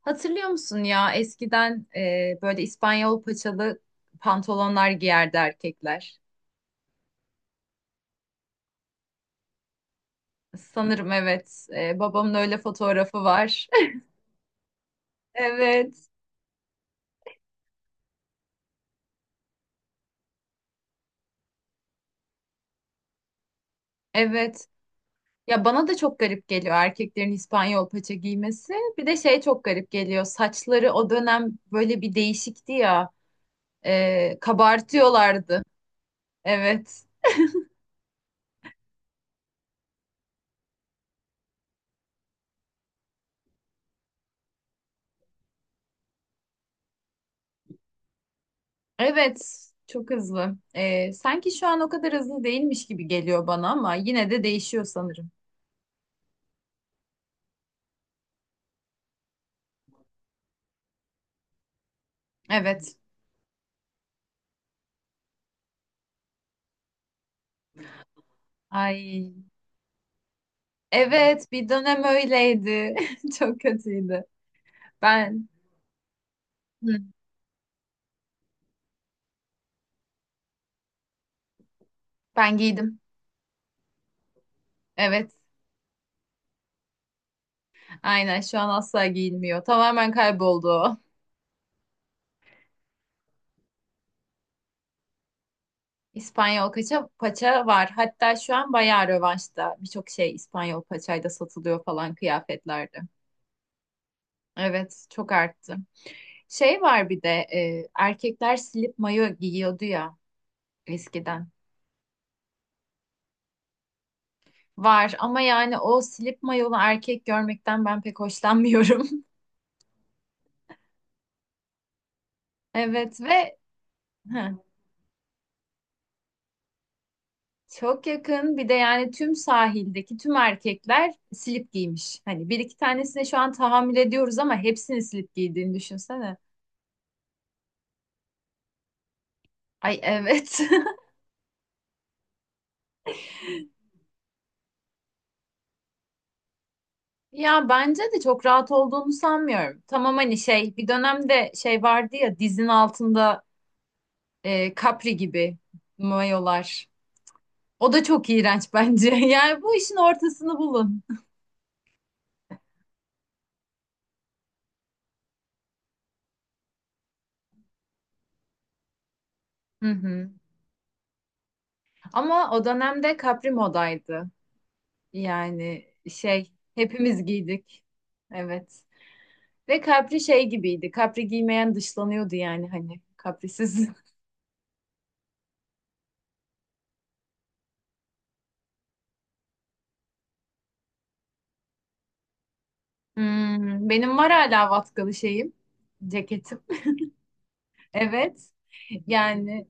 Hatırlıyor musun ya eskiden böyle İspanyol paçalı pantolonlar giyerdi erkekler. Sanırım evet. Babamın öyle fotoğrafı var. Evet. Evet. Ya bana da çok garip geliyor erkeklerin İspanyol paça giymesi. Bir de şey çok garip geliyor. Saçları o dönem böyle bir değişikti ya. Kabartıyorlardı. Evet. Evet. Çok hızlı. Sanki şu an o kadar hızlı değilmiş gibi geliyor bana ama yine de değişiyor sanırım. Evet. Ay evet, bir dönem öyleydi. Çok kötüydü. Ben hı, ben giydim. Evet. Aynen şu an asla giyilmiyor. Tamamen kayboldu o. İspanyol paça var. Hatta şu an bayağı rövanşta. Birçok şey İspanyol paçayla satılıyor falan kıyafetlerde. Evet, çok arttı. Şey var bir de erkekler slip mayo giyiyordu ya eskiden. Var ama yani o slip mayolu erkek görmekten ben pek hoşlanmıyorum. Evet ve çok yakın. Bir de yani tüm sahildeki tüm erkekler slip giymiş. Hani bir iki tanesine şu an tahammül ediyoruz ama hepsini slip giydiğini düşünsene. Ay evet. Ya bence de çok rahat olduğunu sanmıyorum. Tamam hani şey bir dönemde şey vardı ya dizin altında kapri gibi mayolar. O da çok iğrenç bence. Yani bu işin ortasını bulun. Hı hı. Ama o dönemde kapri modaydı. Yani şey hepimiz giydik. Evet. Ve Capri şey gibiydi. Capri giymeyen dışlanıyordu yani hani. Caprisiz. Hmm, benim var hala vatkalı şeyim. Ceketim. Evet. Yani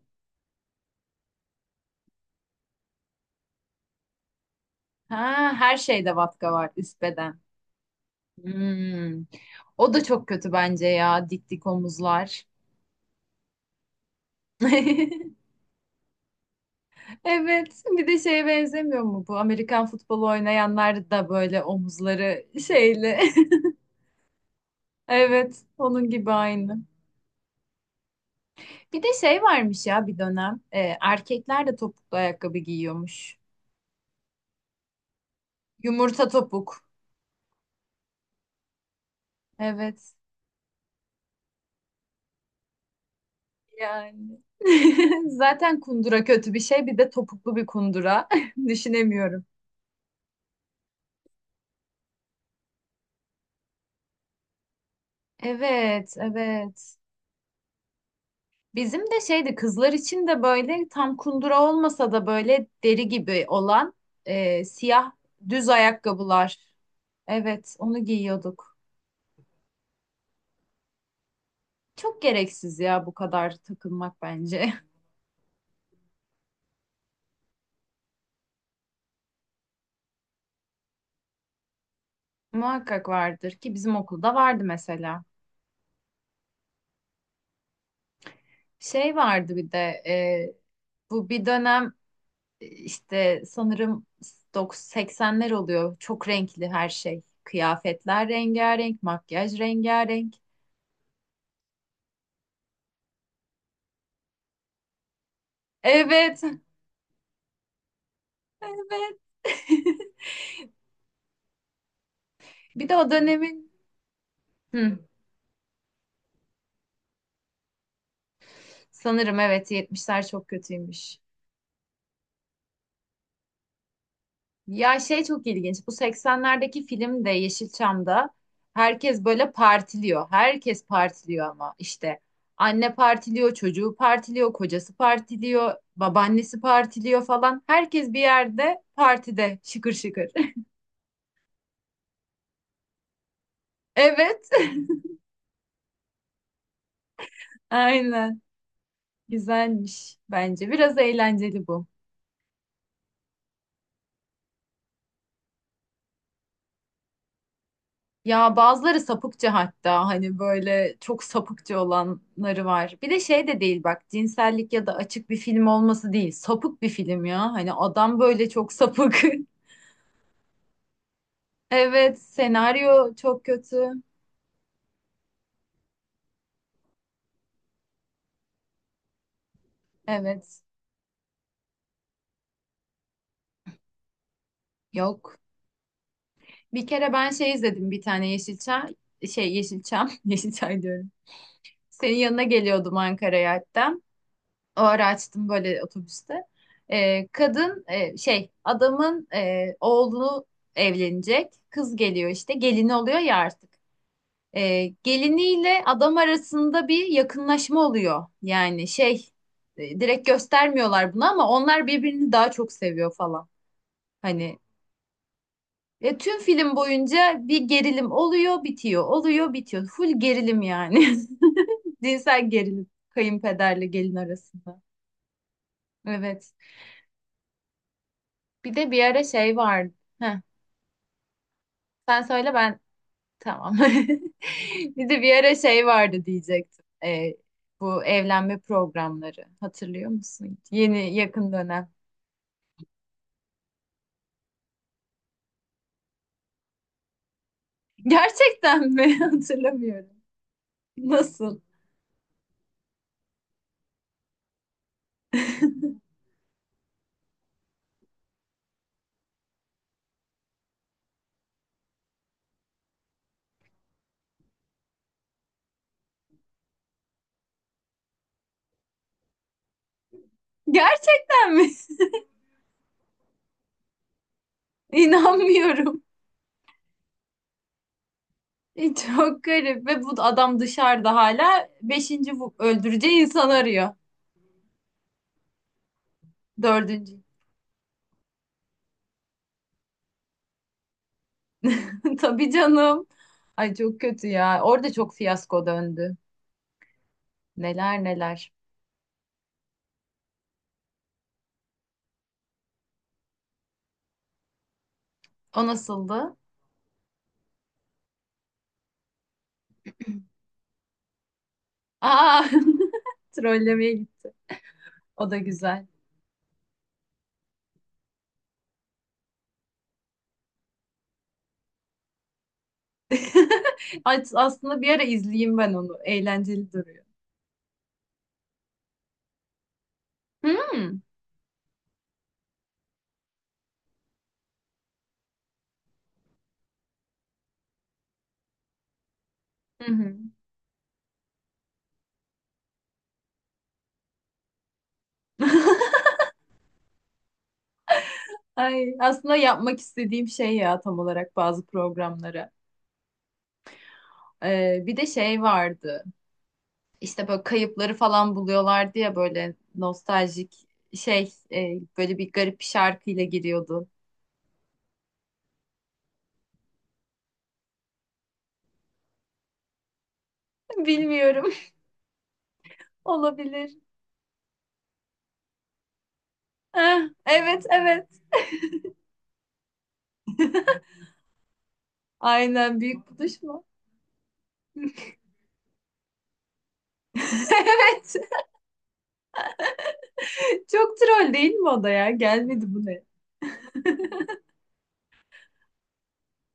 ha, her şeyde vatka var üst beden. Hmm. O da çok kötü bence ya. Dik dik omuzlar. Evet, bir de şeye benzemiyor mu bu? Amerikan futbolu oynayanlar da böyle omuzları şeyli. Evet, onun gibi aynı. Bir de şey varmış ya bir dönem. Erkekler de topuklu ayakkabı giyiyormuş. Yumurta topuk. Evet. Yani. Zaten kundura kötü bir şey. Bir de topuklu bir kundura. Düşünemiyorum. Evet, evet. Bizim de şeydi kızlar için de böyle tam kundura olmasa da böyle deri gibi olan siyah düz ayakkabılar. Evet, onu giyiyorduk. Çok gereksiz ya bu kadar takılmak bence. Muhakkak vardır ki bizim okulda vardı mesela. Şey vardı bir de bu bir dönem e, işte sanırım 90 80'ler oluyor. Çok renkli her şey. Kıyafetler rengarenk, makyaj rengarenk. Evet, evet. Bir de o dönemin Hı, sanırım evet 70'ler çok kötüymüş. Ya şey çok ilginç. Bu 80'lerdeki film de Yeşilçam'da herkes böyle partiliyor. Herkes partiliyor ama işte anne partiliyor, çocuğu partiliyor, kocası partiliyor, babaannesi partiliyor falan. Herkes bir yerde partide şıkır şıkır. Evet, aynen. Güzelmiş bence. Biraz eğlenceli bu. Ya bazıları sapıkça, hatta hani böyle çok sapıkça olanları var. Bir de şey de değil bak, cinsellik ya da açık bir film olması değil. Sapık bir film ya. Hani adam böyle çok sapık. Evet, senaryo çok kötü. Evet, yok. Bir kere ben şey izledim bir tane Yeşilçam. Şey Yeşilçam, Yeşilçay diyorum. Senin yanına geliyordum Ankara'ya hatta. Ağır açtım böyle otobüste. Kadın e, şey adamın e, oğlu evlenecek. Kız geliyor işte gelini oluyor ya artık. Geliniyle adam arasında bir yakınlaşma oluyor. Yani şey direkt göstermiyorlar bunu ama onlar birbirini daha çok seviyor falan. Hani tüm film boyunca bir gerilim oluyor, bitiyor, oluyor, bitiyor. Full gerilim yani. Cinsel gerilim kayınpederle gelin arasında. Evet. Bir de bir ara şey vardı. Heh, sen söyle ben tamam. Bir de bir ara şey vardı diyecektim. Bu evlenme programları. Hatırlıyor musun? Yeni yakın dönem. Gerçekten mi? Hatırlamıyorum. Nasıl? Gerçekten mi? İnanmıyorum. Çok garip. Ve bu adam dışarıda hala öldüreceği insan arıyor. Dördüncü. Tabii canım. Ay çok kötü ya. Orada çok fiyasko döndü. Neler neler. O nasıldı? Aa, trollemeye git. O da güzel. Aslında bir ara izleyeyim ben onu. Eğlenceli duruyor. Hmm. Hı hı. Ay, aslında yapmak istediğim şey ya tam olarak bazı programları. Bir de şey vardı. İşte böyle kayıpları falan buluyorlardı ya böyle nostaljik şey, böyle bir garip bir şarkıyla giriyordu. Bilmiyorum. Olabilir. Eh, evet evet. Aynen büyük buluş mu? Evet. Çok troll değil mi o da ya? Gelmedi bu ne?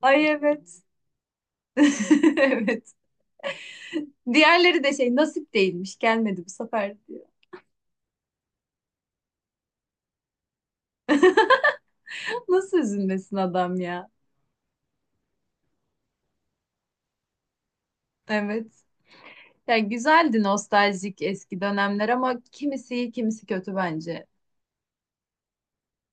Ay evet. Evet. Diğerleri de şey nasip değilmiş, gelmedi bu sefer diyor. Nasıl üzülmesin adam ya? Evet. Ya güzeldi nostaljik eski dönemler ama kimisi iyi kimisi kötü bence.